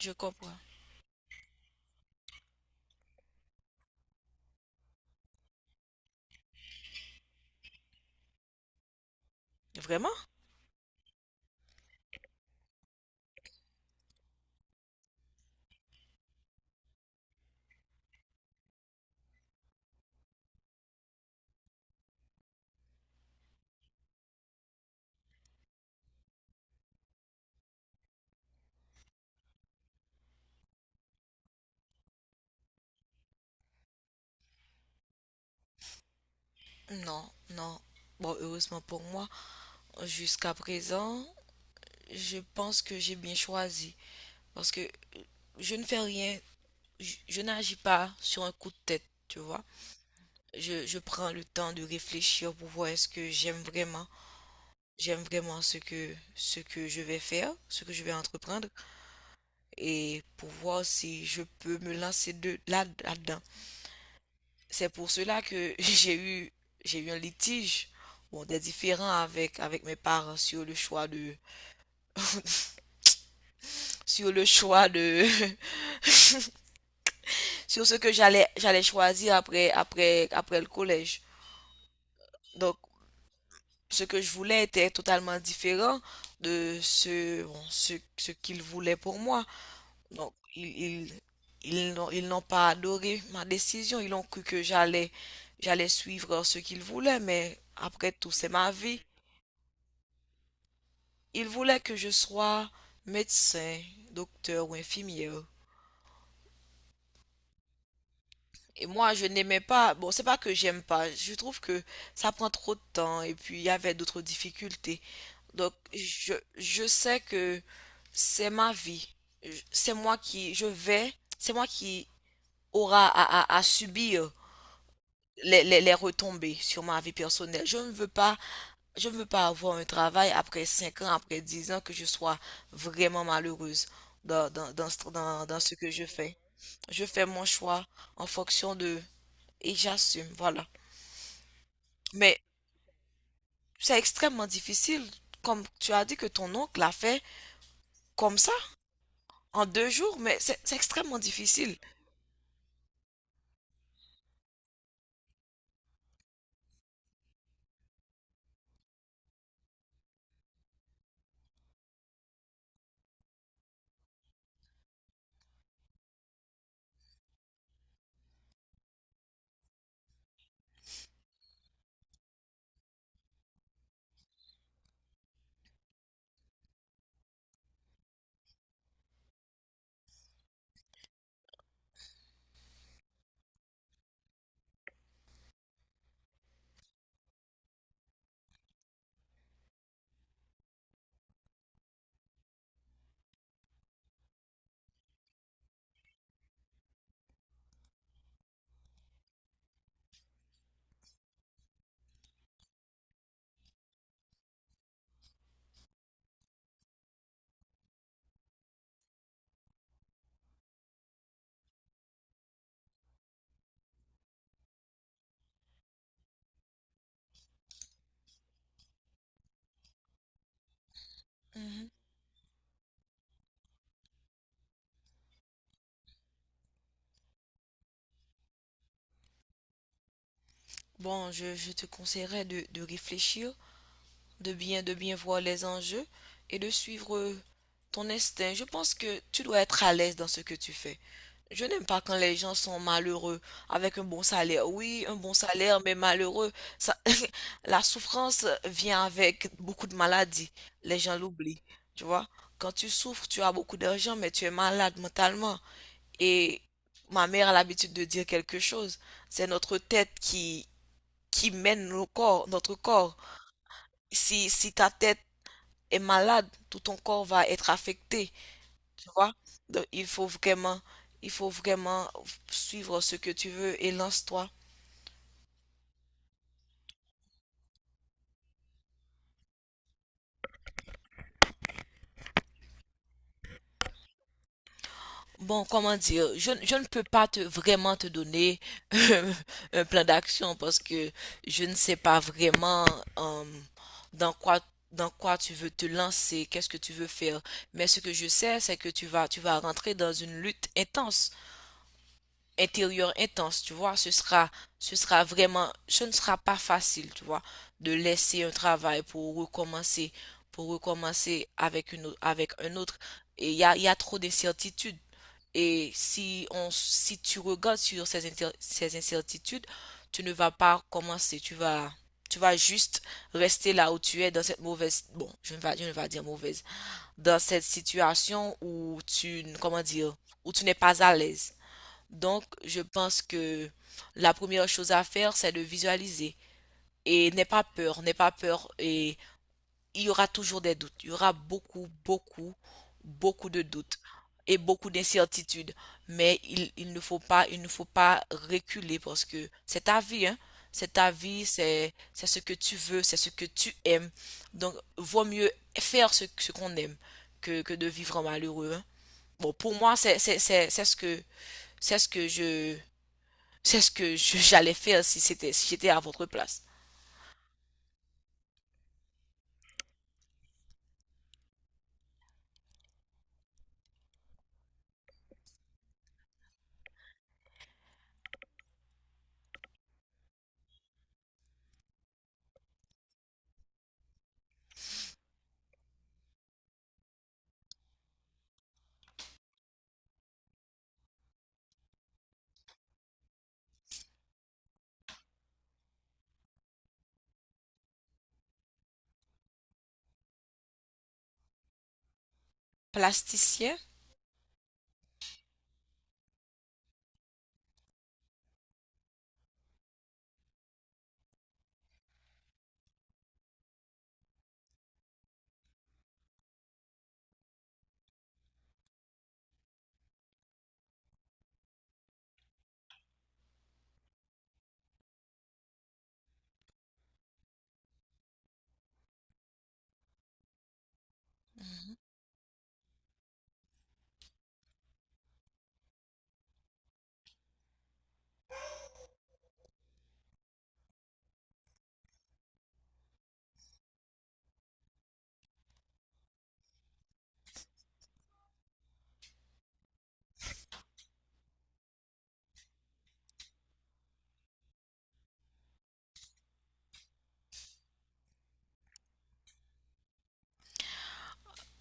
Je comprends. Vraiment? Non, non. Bon, heureusement pour moi, jusqu'à présent, je pense que j'ai bien choisi. Parce que je ne fais rien, je n'agis pas sur un coup de tête, tu vois. Je prends le temps de réfléchir pour voir est-ce que j'aime vraiment ce que je vais faire, ce que je vais entreprendre, et pour voir si je peux me lancer de là, là-dedans. C'est pour cela que j'ai eu un litige, bon, des différends avec mes parents sur le choix de, sur ce que j'allais choisir après le collège. Donc, ce que je voulais était totalement différent de ce, bon, ce qu'ils voulaient pour moi. Donc, ils n'ont pas adoré ma décision. Ils ont cru que j'allais suivre ce qu'ils voulaient, mais après tout, c'est ma vie. Il voulait que je sois médecin, docteur ou infirmière. Et moi, je n'aimais pas. Bon, c'est pas que j'aime pas. Je trouve que ça prend trop de temps et puis il y avait d'autres difficultés. Donc, je sais que c'est ma vie. Je- C'est moi qui, je vais, c'est moi qui aura à subir les retombées sur ma vie personnelle. Je ne veux pas avoir un travail après 5 ans, après 10 ans, que je sois vraiment malheureuse dans ce que je fais. Je fais mon choix en fonction de. Et j'assume, voilà. Mais c'est extrêmement difficile. Comme tu as dit que ton oncle l'a fait comme ça, en 2 jours, mais c'est extrêmement difficile. Mhm. Bon, je te conseillerais de réfléchir, de bien voir les enjeux et de suivre ton instinct. Je pense que tu dois être à l'aise dans ce que tu fais. Je n'aime pas quand les gens sont malheureux avec un bon salaire. Oui, un bon salaire, mais malheureux. Ça, la souffrance vient avec beaucoup de maladies. Les gens l'oublient. Tu vois, quand tu souffres, tu as beaucoup d'argent, mais tu es malade mentalement. Et ma mère a l'habitude de dire quelque chose. C'est notre tête qui mène nos corps, notre corps. Si ta tête est malade, tout ton corps va être affecté, tu vois. Donc, il faut vraiment suivre ce que tu veux et lance-toi. Bon, comment dire, je ne peux pas te vraiment te donner un plan d'action parce que je ne sais pas vraiment, euh, dans quoi dans quoi tu veux te lancer, qu'est-ce que tu veux faire. Mais ce que je sais, c'est que tu vas rentrer dans une lutte intense, intérieur intense, tu vois. Ce sera, vraiment, ce ne sera pas facile, tu vois, de laisser un travail pour recommencer, avec un autre. Et il y a trop d'incertitudes. Et si tu regardes sur ces incertitudes, tu ne vas pas commencer, tu vas juste rester là où tu es dans cette mauvaise, bon, je ne vais pas dire mauvaise, dans cette situation où comment dire, où tu n'es pas à l'aise. Donc, je pense que la première chose à faire, c'est de visualiser. Et n'aie pas peur, n'aie pas peur. Et il y aura toujours des doutes. Il y aura beaucoup, beaucoup, beaucoup de doutes et beaucoup d'incertitudes. Mais il ne faut pas reculer parce que c'est ta vie, hein. C'est ta vie, c'est ce que tu veux, c'est ce que tu aimes. Donc, vaut mieux faire ce qu'on aime que de vivre malheureux, hein. Bon, pour moi, c'est ce que c'est ce que je, j'allais faire si c'était, si j'étais à votre place. Plasticien? Mhm.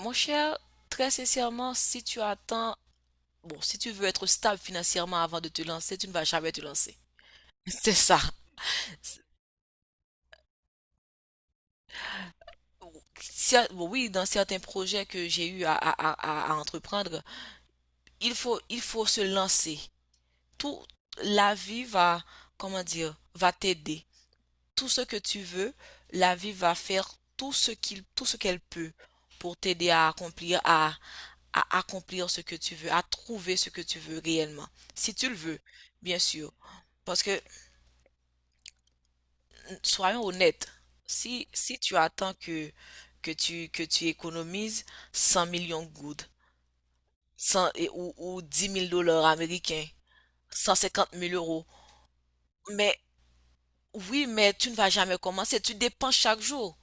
Mon cher, très sincèrement, si tu attends, bon, si tu veux être stable financièrement avant de te lancer, tu ne vas jamais te lancer. C'est ça. Bon, oui, dans certains projets que j'ai eu à entreprendre, il faut se lancer. Tout, la vie va, comment dire, va t'aider. Tout ce que tu veux, la vie va faire tout ce qu'il, tout ce qu'elle peut pour t'aider à accomplir, à accomplir ce que tu veux, à trouver ce que tu veux réellement. Si tu le veux, bien sûr. Parce que, soyons honnêtes, si tu attends que tu économises 100 millions de gouttes, 100 ou 10 000 dollars américains, 150 000 euros, mais oui, mais tu ne vas jamais commencer, tu dépenses chaque jour.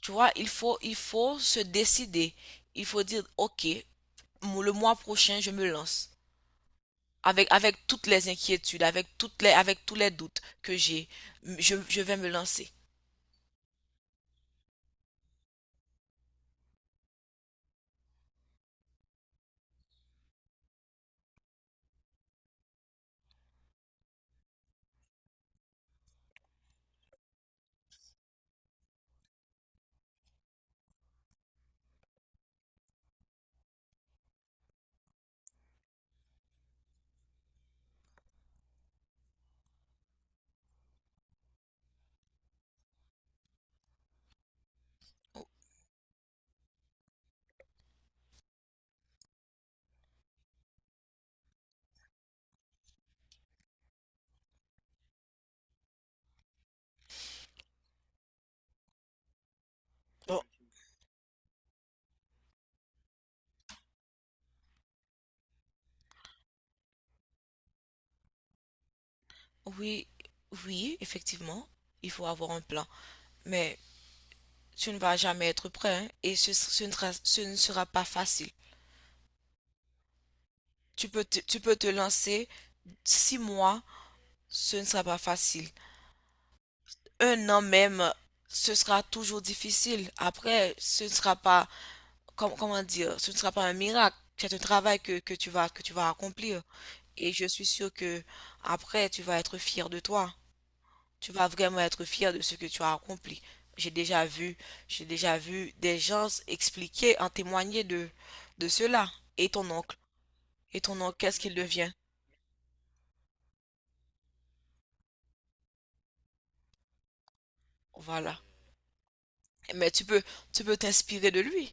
Tu vois, il faut se décider. Il faut dire, OK, le mois prochain, je me lance. Avec toutes les inquiétudes, avec toutes les, avec tous les doutes que j'ai, je vais me lancer. Bon, oui, oui, effectivement, il faut avoir un plan. Mais tu ne vas jamais être prêt, hein, et ce ne sera pas facile. Tu peux te lancer 6 mois, ce ne sera pas facile. 1 an même, ce sera toujours difficile. Après, ce ne sera pas, comment dire, ce ne sera pas un miracle, c'est un travail que tu vas accomplir. Et je suis sûre que après, tu vas être fier de toi. Tu vas vraiment être fier de ce que tu as accompli. J'ai déjà vu, j'ai déjà vu des gens expliquer, en témoigner de cela. Et ton oncle, et ton oncle, qu'est-ce qu'il devient? Voilà. Mais tu peux t'inspirer de lui.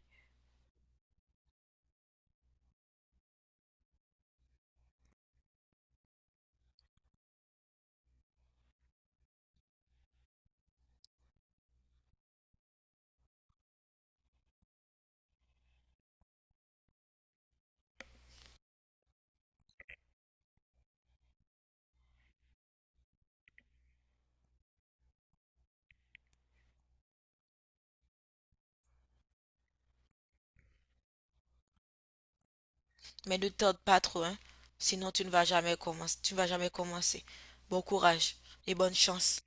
Mais ne tarde pas trop, hein. Sinon, tu ne vas jamais commencer. Tu ne vas jamais commencer. Bon courage et bonne chance.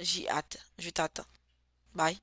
J'y hâte. Je t'attends. Bye.